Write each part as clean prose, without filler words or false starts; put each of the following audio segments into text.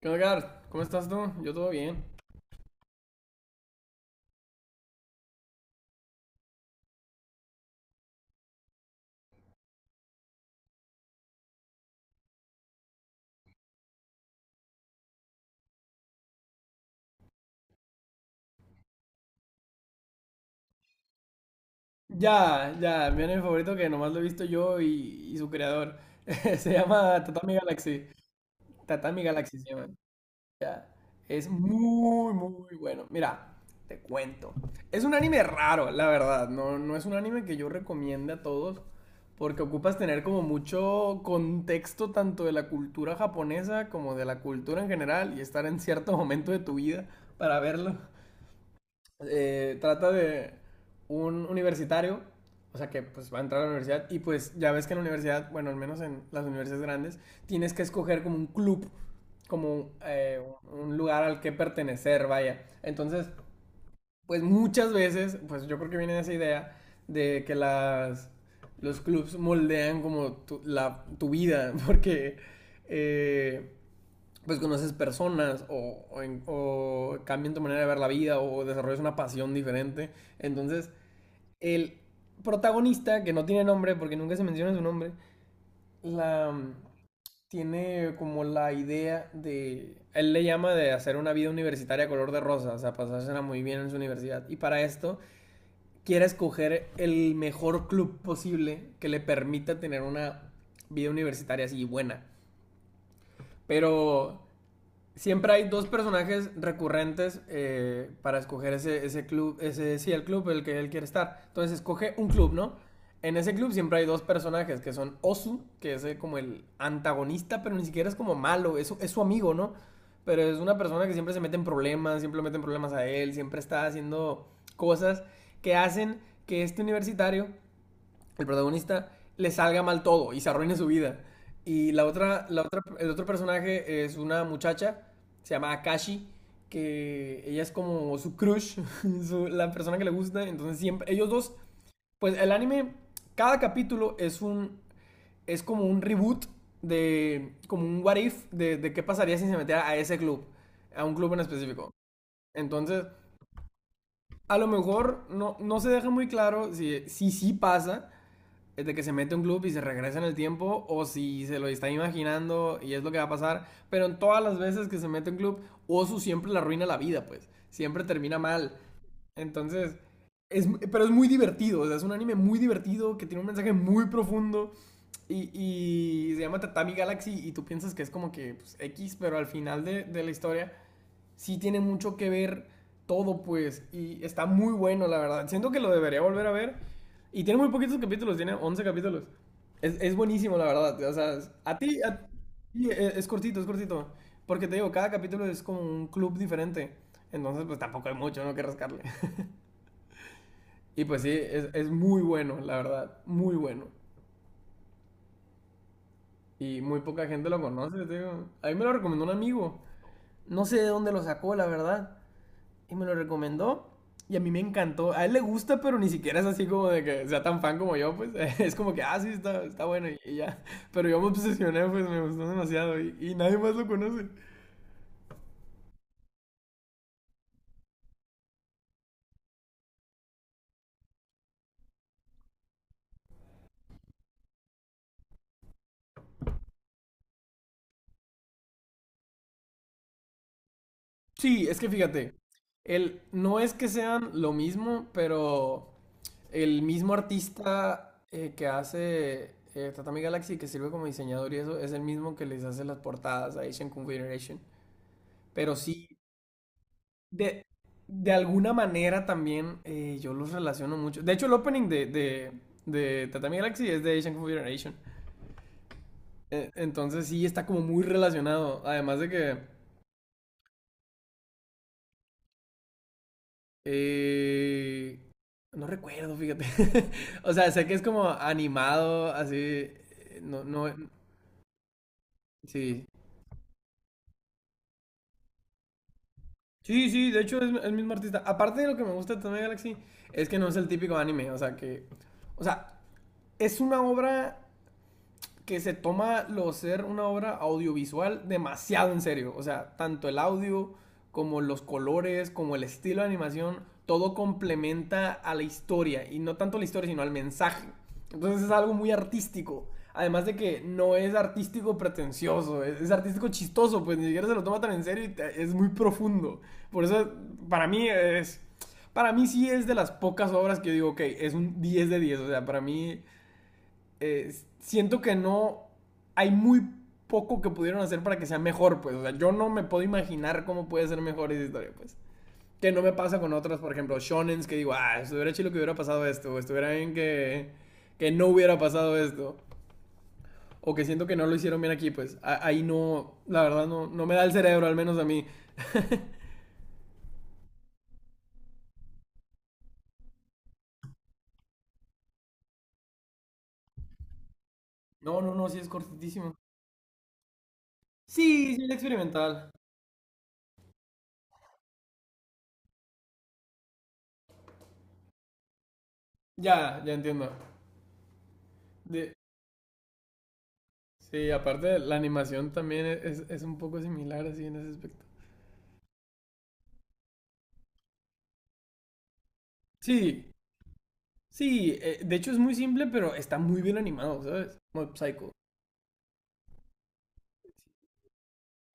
¿Qué onda, Gar? ¿Cómo estás tú? Yo todo bien. Ya, ya, mi anime favorito que nomás lo he visto yo y, su creador. Se llama Tatami Galaxy. Tatami Galaxy se llama. Es muy, muy bueno. Mira, te cuento. Es un anime raro, la verdad. No, no es un anime que yo recomiende a todos porque ocupas tener como mucho contexto tanto de la cultura japonesa como de la cultura en general y estar en cierto momento de tu vida para verlo. Trata de un universitario, o sea que pues va a entrar a la universidad y pues ya ves que en la universidad, bueno, al menos en las universidades grandes, tienes que escoger como un club, como un lugar al que pertenecer, vaya. Entonces, pues muchas veces, pues yo creo que viene esa idea de los clubs moldean como tu vida, porque... eh, pues conoces personas o cambian tu manera de ver la vida o desarrollas una pasión diferente. Entonces, el protagonista, que no tiene nombre porque nunca se menciona su nombre, la, tiene como la idea de, él le llama de hacer una vida universitaria color de rosa, o sea, pasársela muy bien en su universidad. Y para esto quiere escoger el mejor club posible que le permita tener una vida universitaria así buena. Pero siempre hay dos personajes recurrentes para escoger ese club, ese sí, el club el que él quiere estar. Entonces escoge un club, ¿no? En ese club siempre hay dos personajes que son Osu, que es como el antagonista, pero ni siquiera es como malo, es su amigo, ¿no? Pero es una persona que siempre se mete en problemas, siempre le meten problemas a él, siempre está haciendo cosas que hacen que este universitario el protagonista le salga mal todo y se arruine su vida. Y la otra, el otro personaje es una muchacha, se llama Akashi, que ella es como su crush, la persona que le gusta. Entonces siempre, ellos dos, pues el anime, cada capítulo es como un reboot de, como un what if de qué pasaría si se metiera a ese club, a un club en específico. Entonces, a lo mejor no, no se deja muy claro si sí pasa, es de que se mete un club y se regresa en el tiempo o si se lo está imaginando y es lo que va a pasar, pero en todas las veces que se mete un club, Osu siempre le arruina la vida, pues, siempre termina mal. Entonces, pero es muy divertido, o sea, es un anime muy divertido que tiene un mensaje muy profundo y, se llama Tatami Galaxy y tú piensas que es como que pues, X, pero al final de la historia sí tiene mucho que ver todo, pues. Y está muy bueno, la verdad. Siento que lo debería volver a ver. Y tiene muy poquitos capítulos, tiene 11 capítulos. Es buenísimo, la verdad. O sea, a ti, es cortito, es cortito. Porque te digo, cada capítulo es como un club diferente. Entonces, pues tampoco hay mucho, ¿no? Que rascarle. Y pues sí, es muy bueno, la verdad. Muy bueno. Y muy poca gente lo conoce, te digo. A mí me lo recomendó un amigo. No sé de dónde lo sacó, la verdad. Y me lo recomendó. Y a mí me encantó. A él le gusta, pero ni siquiera es así como de que sea tan fan como yo, pues. Es como que, ah, sí, está bueno y, ya. Pero yo me obsesioné, pues me gustó demasiado y, nadie más lo conoce. Sí, es que fíjate, no es que sean lo mismo, pero el mismo artista que hace Tatami Galaxy, que sirve como diseñador y eso, es el mismo que les hace las portadas a Asian Confederation. Pero sí, De, de alguna manera también yo los relaciono mucho. De hecho, el opening de Tatami Galaxy es de Asian Kung Fu Generation. Entonces sí está como muy relacionado. Además de que... eh, no recuerdo, fíjate. O sea, sé que es como animado, así... no, no... Sí. Sí, sí, de hecho es el mismo artista. Aparte de lo que me gusta de Tatami Galaxy, es que no es el típico anime. O sea, que... O sea, es una obra que se toma lo ser una obra audiovisual demasiado en serio. O sea, tanto el audio como los colores, como el estilo de animación, todo complementa a la historia. Y no tanto a la historia, sino al mensaje. Entonces es algo muy artístico. Además de que no es artístico pretencioso, es artístico chistoso, pues ni siquiera se lo toma tan en serio y es muy profundo. Por eso, para mí es... Para mí sí es de las pocas obras que yo digo, ok, es un 10 de 10. O sea, para mí eh, siento que no hay muy poco que pudieron hacer para que sea mejor, pues. O sea, yo no me puedo imaginar cómo puede ser mejor esa historia, pues. Que no me pasa con otras, por ejemplo, shonens que digo, ah, estuviera chido que hubiera pasado esto, o estuviera bien que no hubiera pasado esto, o que siento que no lo hicieron bien aquí, pues. Ahí no, la verdad, no, no me da el cerebro, al menos a mí. No, no, no, sí es cortísimo. Sí, sí, es experimental. Ya, ya entiendo. De- sí, aparte la animación también es un poco similar así en ese aspecto. Sí, sí, de hecho es muy simple, pero está muy bien animado, ¿sabes? Mob Psycho.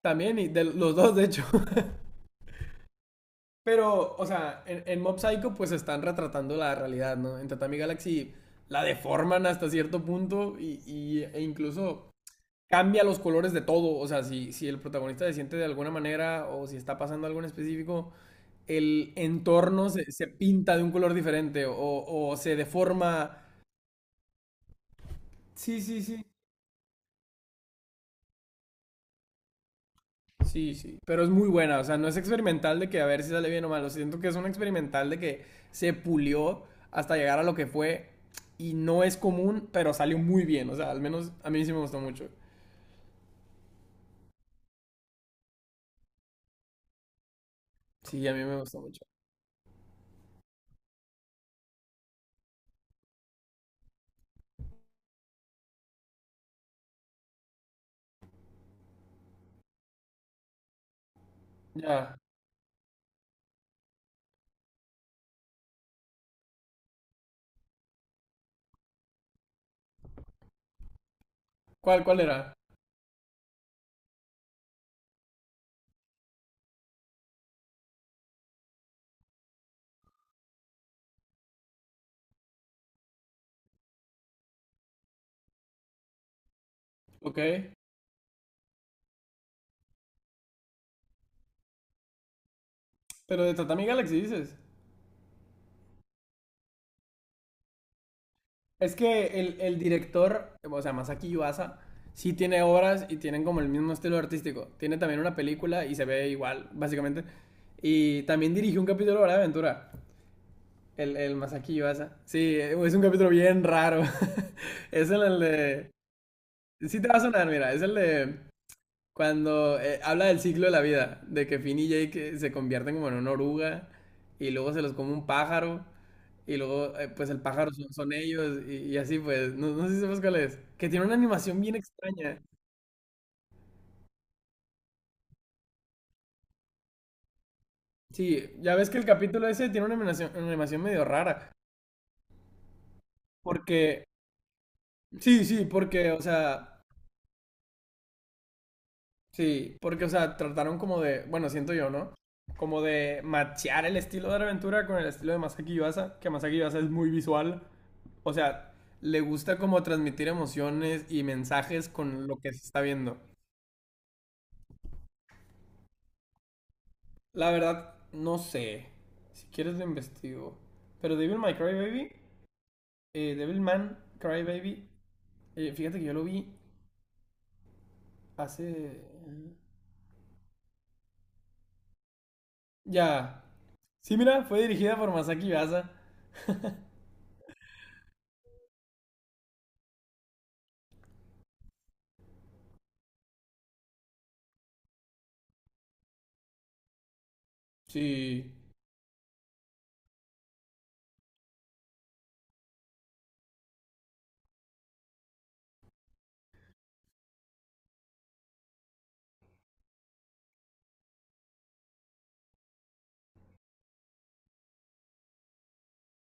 También, y de los dos, de hecho. Pero, o sea, en Mob Psycho pues están retratando la realidad, ¿no? En Tatami Galaxy la deforman hasta cierto punto e incluso cambia los colores de todo. O sea, si el protagonista se siente de alguna manera o si está pasando algo en específico, el entorno se pinta de un color diferente o se deforma. Sí, sí, sí. Sí, sí, pero es muy buena, o sea, no es experimental de que a ver si sale bien o mal, o sea, siento que es un experimental de que se pulió hasta llegar a lo que fue y no es común, pero salió muy bien, o sea, al menos a mí sí me gustó mucho. Sí, a mí me gustó mucho. Ya, ¿cuál, cuál era? Ok, pero de Tatami Galaxy dices. Es que el director, o sea, Masaki Yuasa, sí tiene obras y tienen como el mismo estilo artístico. Tiene también una película y se ve igual, básicamente. Y también dirigió un capítulo de Hora de Aventura. El Masaki Yuasa. Sí, es un capítulo bien raro. Es el de... Sí te va a sonar, mira, es el de cuando habla del ciclo de la vida, de que Finn y Jake se convierten como en una oruga y luego se los come un pájaro y luego pues el pájaro son, son ellos y, así pues, no, no sé si sabes cuál es, que tiene una animación bien extraña. Sí, ya ves que el capítulo ese tiene una animación medio rara, porque, sí, sí, porque, o sea, sí, porque, o sea, trataron como de, bueno, siento yo, ¿no? Como de machear el estilo de aventura con el estilo de Masaki Yuasa, que Masaki Yuasa es muy visual. O sea, le gusta como transmitir emociones y mensajes con lo que se está viendo. La verdad, no sé. Si quieres lo investigo. Pero Devil May Cry Baby, Devil Man Cry Baby, fíjate que yo lo vi hace... Ya. Sí, mira, fue dirigida por Masaki Yuasa. Sí.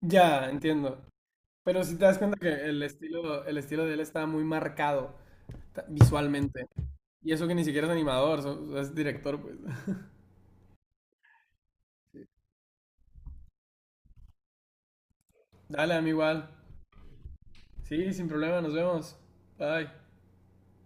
Ya, entiendo. Pero si te das cuenta que el estilo de él está muy marcado visualmente. Y eso que ni siquiera es animador, es director, pues. Dale, a mí igual. Sí, sin problema, nos vemos. Bye.